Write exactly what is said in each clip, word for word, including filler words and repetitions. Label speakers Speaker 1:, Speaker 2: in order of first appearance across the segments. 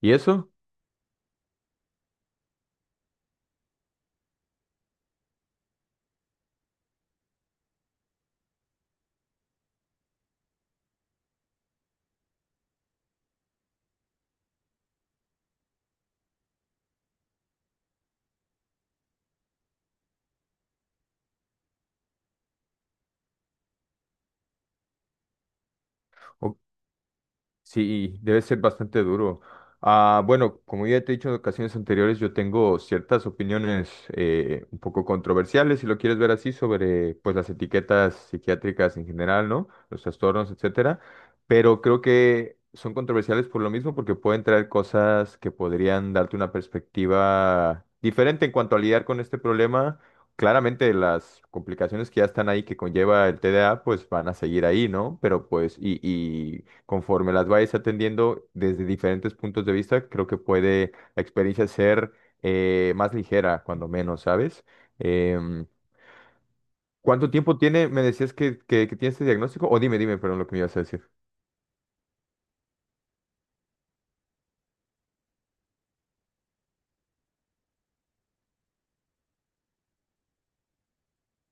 Speaker 1: ¿Y eso? O- sí, debe ser bastante duro. Ah, bueno, como ya te he dicho en ocasiones anteriores, yo tengo ciertas opiniones eh, un poco controversiales, si lo quieres ver así, sobre pues las etiquetas psiquiátricas en general, ¿no? Los trastornos, etcétera. Pero creo que son controversiales por lo mismo, porque pueden traer cosas que podrían darte una perspectiva diferente en cuanto a lidiar con este problema, claramente las complicaciones que ya están ahí que conlleva el T D A, pues van a seguir ahí, ¿no? Pero pues, y, y conforme las vayas atendiendo desde diferentes puntos de vista, creo que puede la experiencia ser eh, más ligera, cuando menos, ¿sabes? Em, ¿Cuánto tiempo tiene? Me decías que, que, que tiene este diagnóstico, o dime, dime, perdón, lo que me ibas a decir.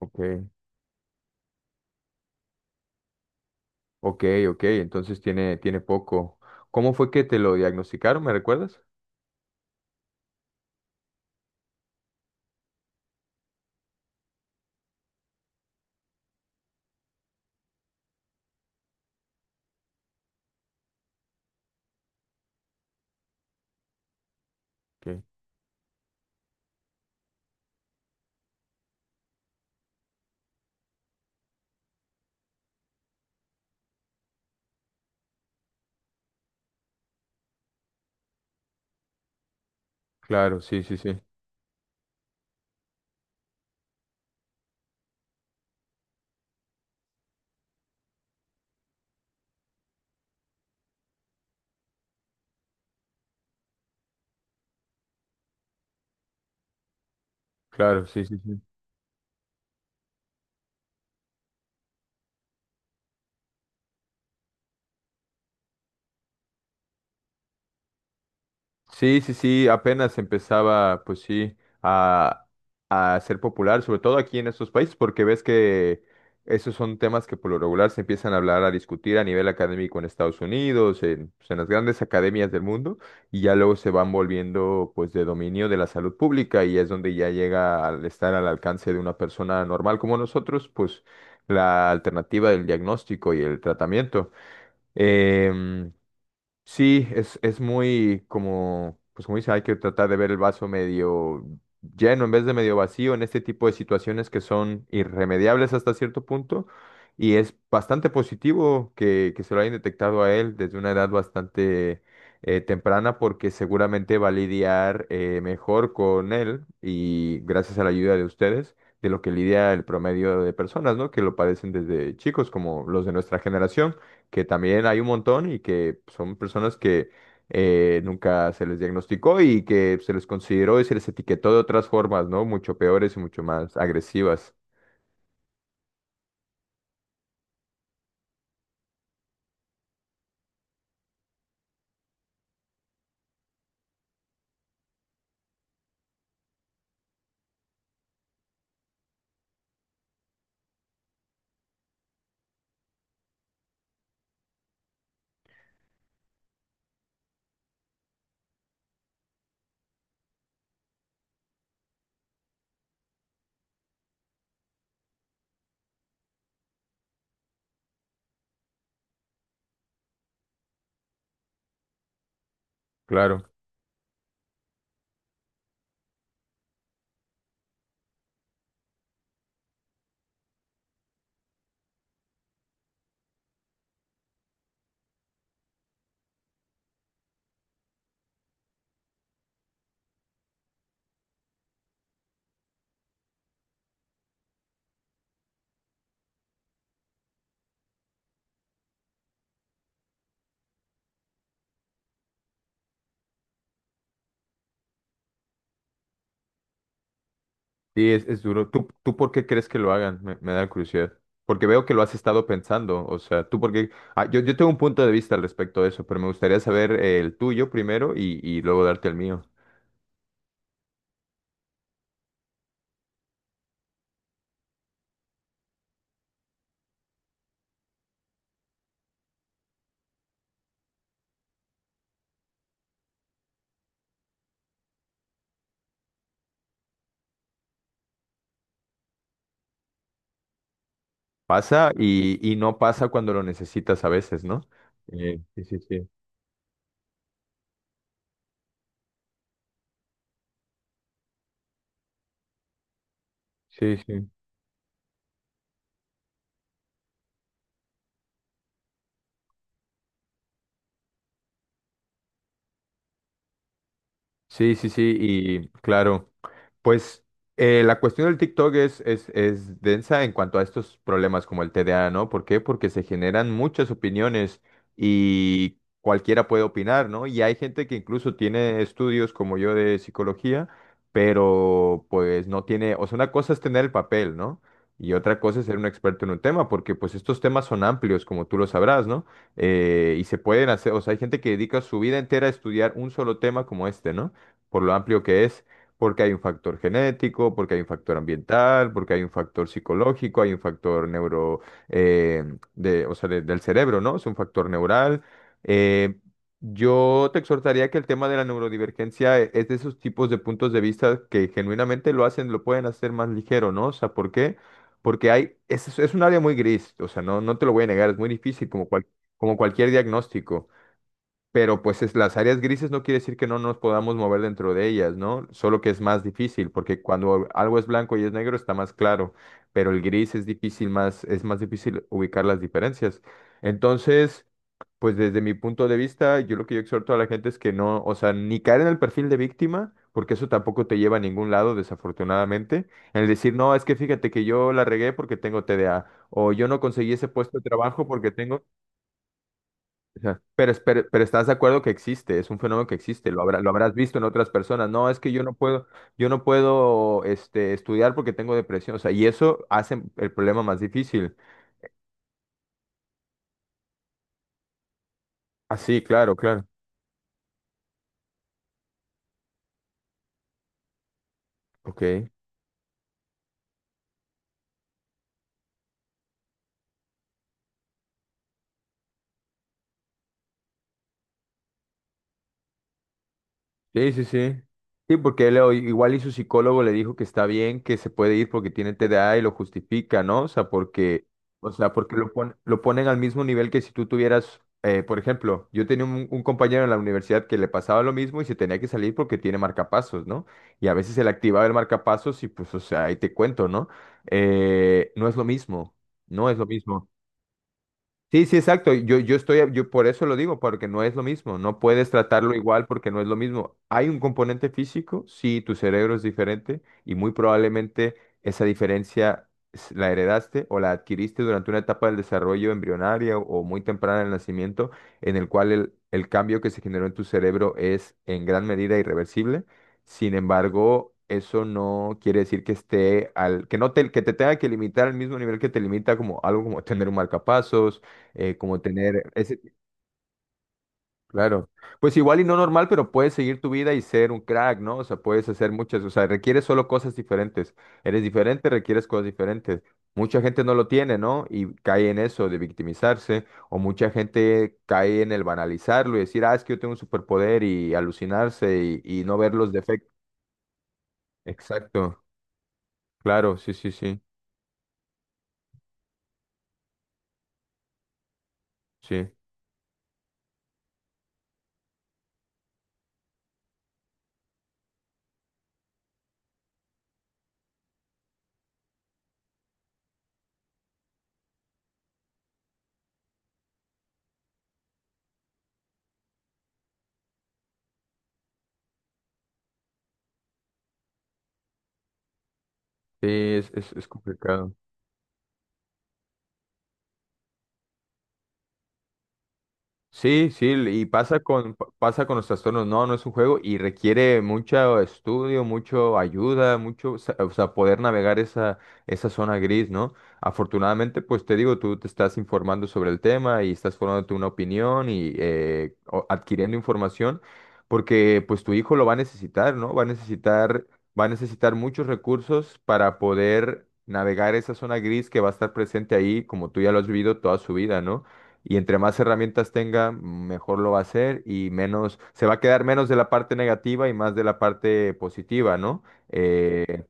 Speaker 1: Ok, ok, ok, entonces tiene, tiene poco. ¿Cómo fue que te lo diagnosticaron? ¿Me recuerdas? Ok, claro, sí, sí, sí. Claro, sí, sí, sí. Sí, sí, sí, apenas empezaba, pues sí, a, a ser popular, sobre todo aquí en estos países, porque ves que esos son temas que por lo regular se empiezan a hablar, a discutir a nivel académico en Estados Unidos, en, pues, en las grandes academias del mundo, y ya luego se van volviendo, pues, de dominio de la salud pública, y es donde ya llega al estar al alcance de una persona normal como nosotros, pues, la alternativa del diagnóstico y el tratamiento. Em, Sí, es, es muy como, pues como dice, hay que tratar de ver el vaso medio lleno en vez de medio vacío en este tipo de situaciones que son irremediables hasta cierto punto. Y es bastante positivo que, que se lo hayan detectado a él desde una edad bastante eh, temprana porque seguramente va a lidiar eh, mejor con él y gracias a la ayuda de ustedes de lo que lidia el promedio de personas, ¿no? Que lo padecen desde chicos, como los de nuestra generación que también hay un montón y que son personas que eh, nunca se les diagnosticó y que se les consideró y se les etiquetó de otras formas, ¿no? Mucho peores y mucho más agresivas. Claro. Sí, es, es duro. ¿Tú, tú por qué crees que lo hagan? Me, me da curiosidad. Porque veo que lo has estado pensando. O sea, tú porque... yo, yo tengo un punto de vista al respecto de eso, pero me gustaría saber eh, el tuyo primero y, y luego darte el mío. Pasa y, y no pasa cuando lo necesitas a veces, ¿no? Eh, sí, sí, sí. Sí, sí. Sí, sí, sí, y claro, pues eh, la cuestión del TikTok es, es, es densa en cuanto a estos problemas como el T D A, ¿no? ¿Por qué? Porque se generan muchas opiniones y cualquiera puede opinar, ¿no? Y hay gente que incluso tiene estudios como yo de psicología, pero pues no tiene, o sea, una cosa es tener el papel, ¿no? Y otra cosa es ser un experto en un tema, porque pues estos temas son amplios, como tú lo sabrás, ¿no? Eh, y se pueden hacer, o sea, hay gente que dedica su vida entera a estudiar un solo tema como este, ¿no? Por lo amplio que es, porque hay un factor genético, porque hay un factor ambiental, porque hay un factor psicológico, hay un factor neuro, eh, de, o sea, de- del cerebro, ¿no? Es un factor neural. Eh, yo te exhortaría que el tema de la neurodivergencia e- es de esos tipos de puntos de vista que genuinamente lo hacen, lo pueden hacer más ligero, ¿no? O sea, ¿por qué? Porque hay, es, es un área muy gris, o sea, no, no te lo voy a negar, es muy difícil, como, cual- como cualquier diagnóstico, pero pues es, las áreas grises no quiere decir que no nos podamos mover dentro de ellas, ¿no? Solo que es más difícil, porque cuando algo es blanco y es negro está más claro, pero el gris es difícil más, es más difícil ubicar las diferencias. Entonces, pues desde mi punto de vista, yo lo que yo exhorto a la gente es que no, o sea, ni caer en el perfil de víctima, porque eso tampoco te lleva a ningún lado, desafortunadamente. El decir, no, es que fíjate que yo la regué porque tengo T D A, o yo no conseguí ese puesto de trabajo porque tengo... O sea, pero, es- pero, pero estás de acuerdo que existe, es un fenómeno que existe, lo habrá- lo habrás visto en otras personas. No, es que yo no puedo, yo no puedo este, estudiar porque tengo depresión. O sea, y eso hace el problema más difícil. Ah, sí, claro, claro. Ok. Sí, sí, sí. Sí, porque él o- igual y su psicólogo le dijo que está bien, que se puede ir porque tiene T D A y lo justifica, ¿no? O sea, porque, o sea, porque lo pon- lo ponen al mismo nivel que si tú tuvieras, eh, por ejemplo, yo tenía un, un compañero en la universidad que le pasaba lo mismo y se tenía que salir porque tiene marcapasos, ¿no? Y a veces se le activaba el marcapasos y pues, o sea, ahí te cuento, ¿no? Eh, no es lo mismo, no es lo mismo. Sí, sí, exacto. Yo, yo estoy, yo por eso lo digo, porque no es lo mismo. No puedes tratarlo igual porque no es lo mismo. Hay un componente físico, sí, tu cerebro es diferente y muy probablemente esa diferencia s- la heredaste o la adquiriste durante una etapa del desarrollo embrionaria o, o muy temprana del nacimiento, en el cual el, el cambio que se generó en tu cerebro es en gran medida irreversible. Sin embargo, eso no quiere decir que esté al, que no te, que te tenga que limitar al mismo nivel que te limita como algo como tener un marcapasos, eh, como tener ese, claro, pues igual y no normal, pero puedes seguir tu vida y ser un crack, ¿no? O sea, puedes hacer muchas, o sea, requieres solo cosas diferentes. Eres diferente, requieres cosas diferentes. Mucha gente no lo tiene, ¿no? Y cae en eso de victimizarse, o mucha gente cae en el banalizarlo y decir, ah, es que yo tengo un superpoder y alucinarse y, y no ver los defectos. Exacto, claro, sí, sí, sí, sí. Sí, es, es, es complicado. Sí, sí, y pasa con, pa- pasa con los trastornos. No, no es un juego y requiere mucho estudio, mucho ayuda, mucho, sa- o sea, poder navegar esa, esa zona gris, ¿no? Afortunadamente, pues te digo, tú te estás informando sobre el tema y estás formándote una opinión y eh, o- adquiriendo información, porque pues tu hijo lo va a necesitar, ¿no? Va a necesitar, va a necesitar muchos recursos para poder navegar esa zona gris que va a estar presente ahí, como tú ya lo has vivido toda su vida, ¿no? Y entre más herramientas tenga, mejor lo va a hacer y menos, se va a quedar menos de la parte negativa y más de la parte positiva, ¿no? Eh,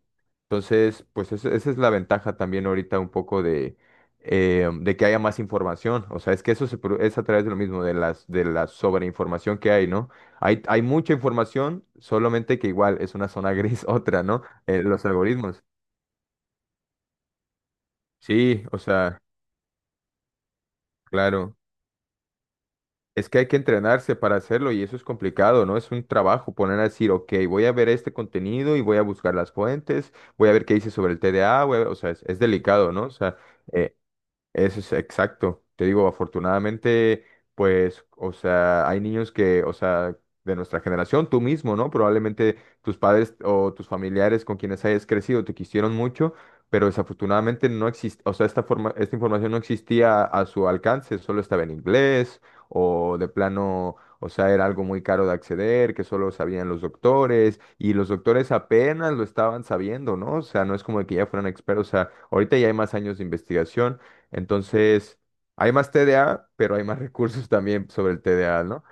Speaker 1: entonces, pues eso- esa es la ventaja también ahorita un poco de, eh, de que haya más información. O sea, es que eso se, pro- es a través de lo mismo, de las, de la sobreinformación que hay, ¿no? Hay, hay mucha información, solamente que igual es una zona gris otra, ¿no? Eh, los algoritmos. Sí, o sea, claro. Es que hay que entrenarse para hacerlo y eso es complicado, ¿no? Es un trabajo poner a decir, ok, voy a ver este contenido y voy a buscar las fuentes, voy a ver qué dice sobre el T D A, voy a ver", o sea, es, es delicado, ¿no? O sea, eh, eso es exacto. Te digo, afortunadamente, pues, o sea, hay niños que, o sea, de nuestra generación, tú mismo, ¿no? Probablemente tus padres o tus familiares con quienes hayas crecido te quisieron mucho, pero desafortunadamente no existe, o sea, esta forma, esta información no existía a su alcance, solo estaba en inglés o de plano, o sea, era algo muy caro de acceder, que solo sabían los doctores y los doctores apenas lo estaban sabiendo, ¿no? O sea, no es como que ya fueran expertos, o sea, ahorita ya hay más años de investigación. Entonces, hay más T D A, pero hay más recursos también sobre el T D A, ¿no?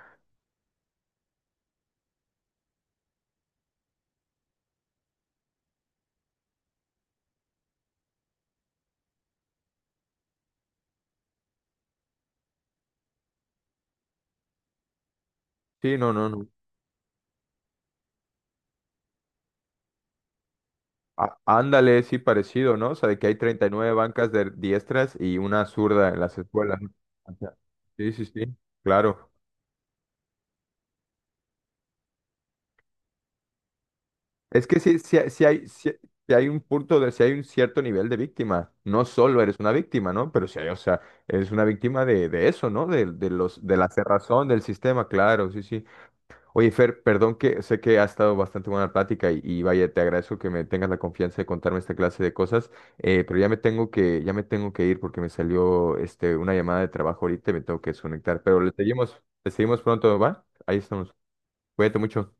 Speaker 1: Sí, no, no, no. Á- ándale, sí, parecido, ¿no? O sea, de que hay treinta y nueve bancas de diestras y una zurda en las escuelas, ¿no? O sea, sí, sí, sí, claro. Es que sí, sí, sí hay, sí- sí hay un punto de, si hay un cierto nivel de víctima. No solo eres una víctima, ¿no? Pero sí hay, o sea, eres una víctima de, de eso, ¿no? De, de los, de la cerrazón del sistema, claro, sí, sí. Oye, Fer, perdón que sé que ha estado bastante buena la plática y, y vaya, te agradezco que me tengas la confianza de contarme esta clase de cosas, eh, pero ya me tengo que, ya me tengo que ir porque me salió este, una llamada de trabajo ahorita y me tengo que desconectar, pero le seguimos, le seguimos pronto, ¿va? Ahí estamos. Cuídate mucho.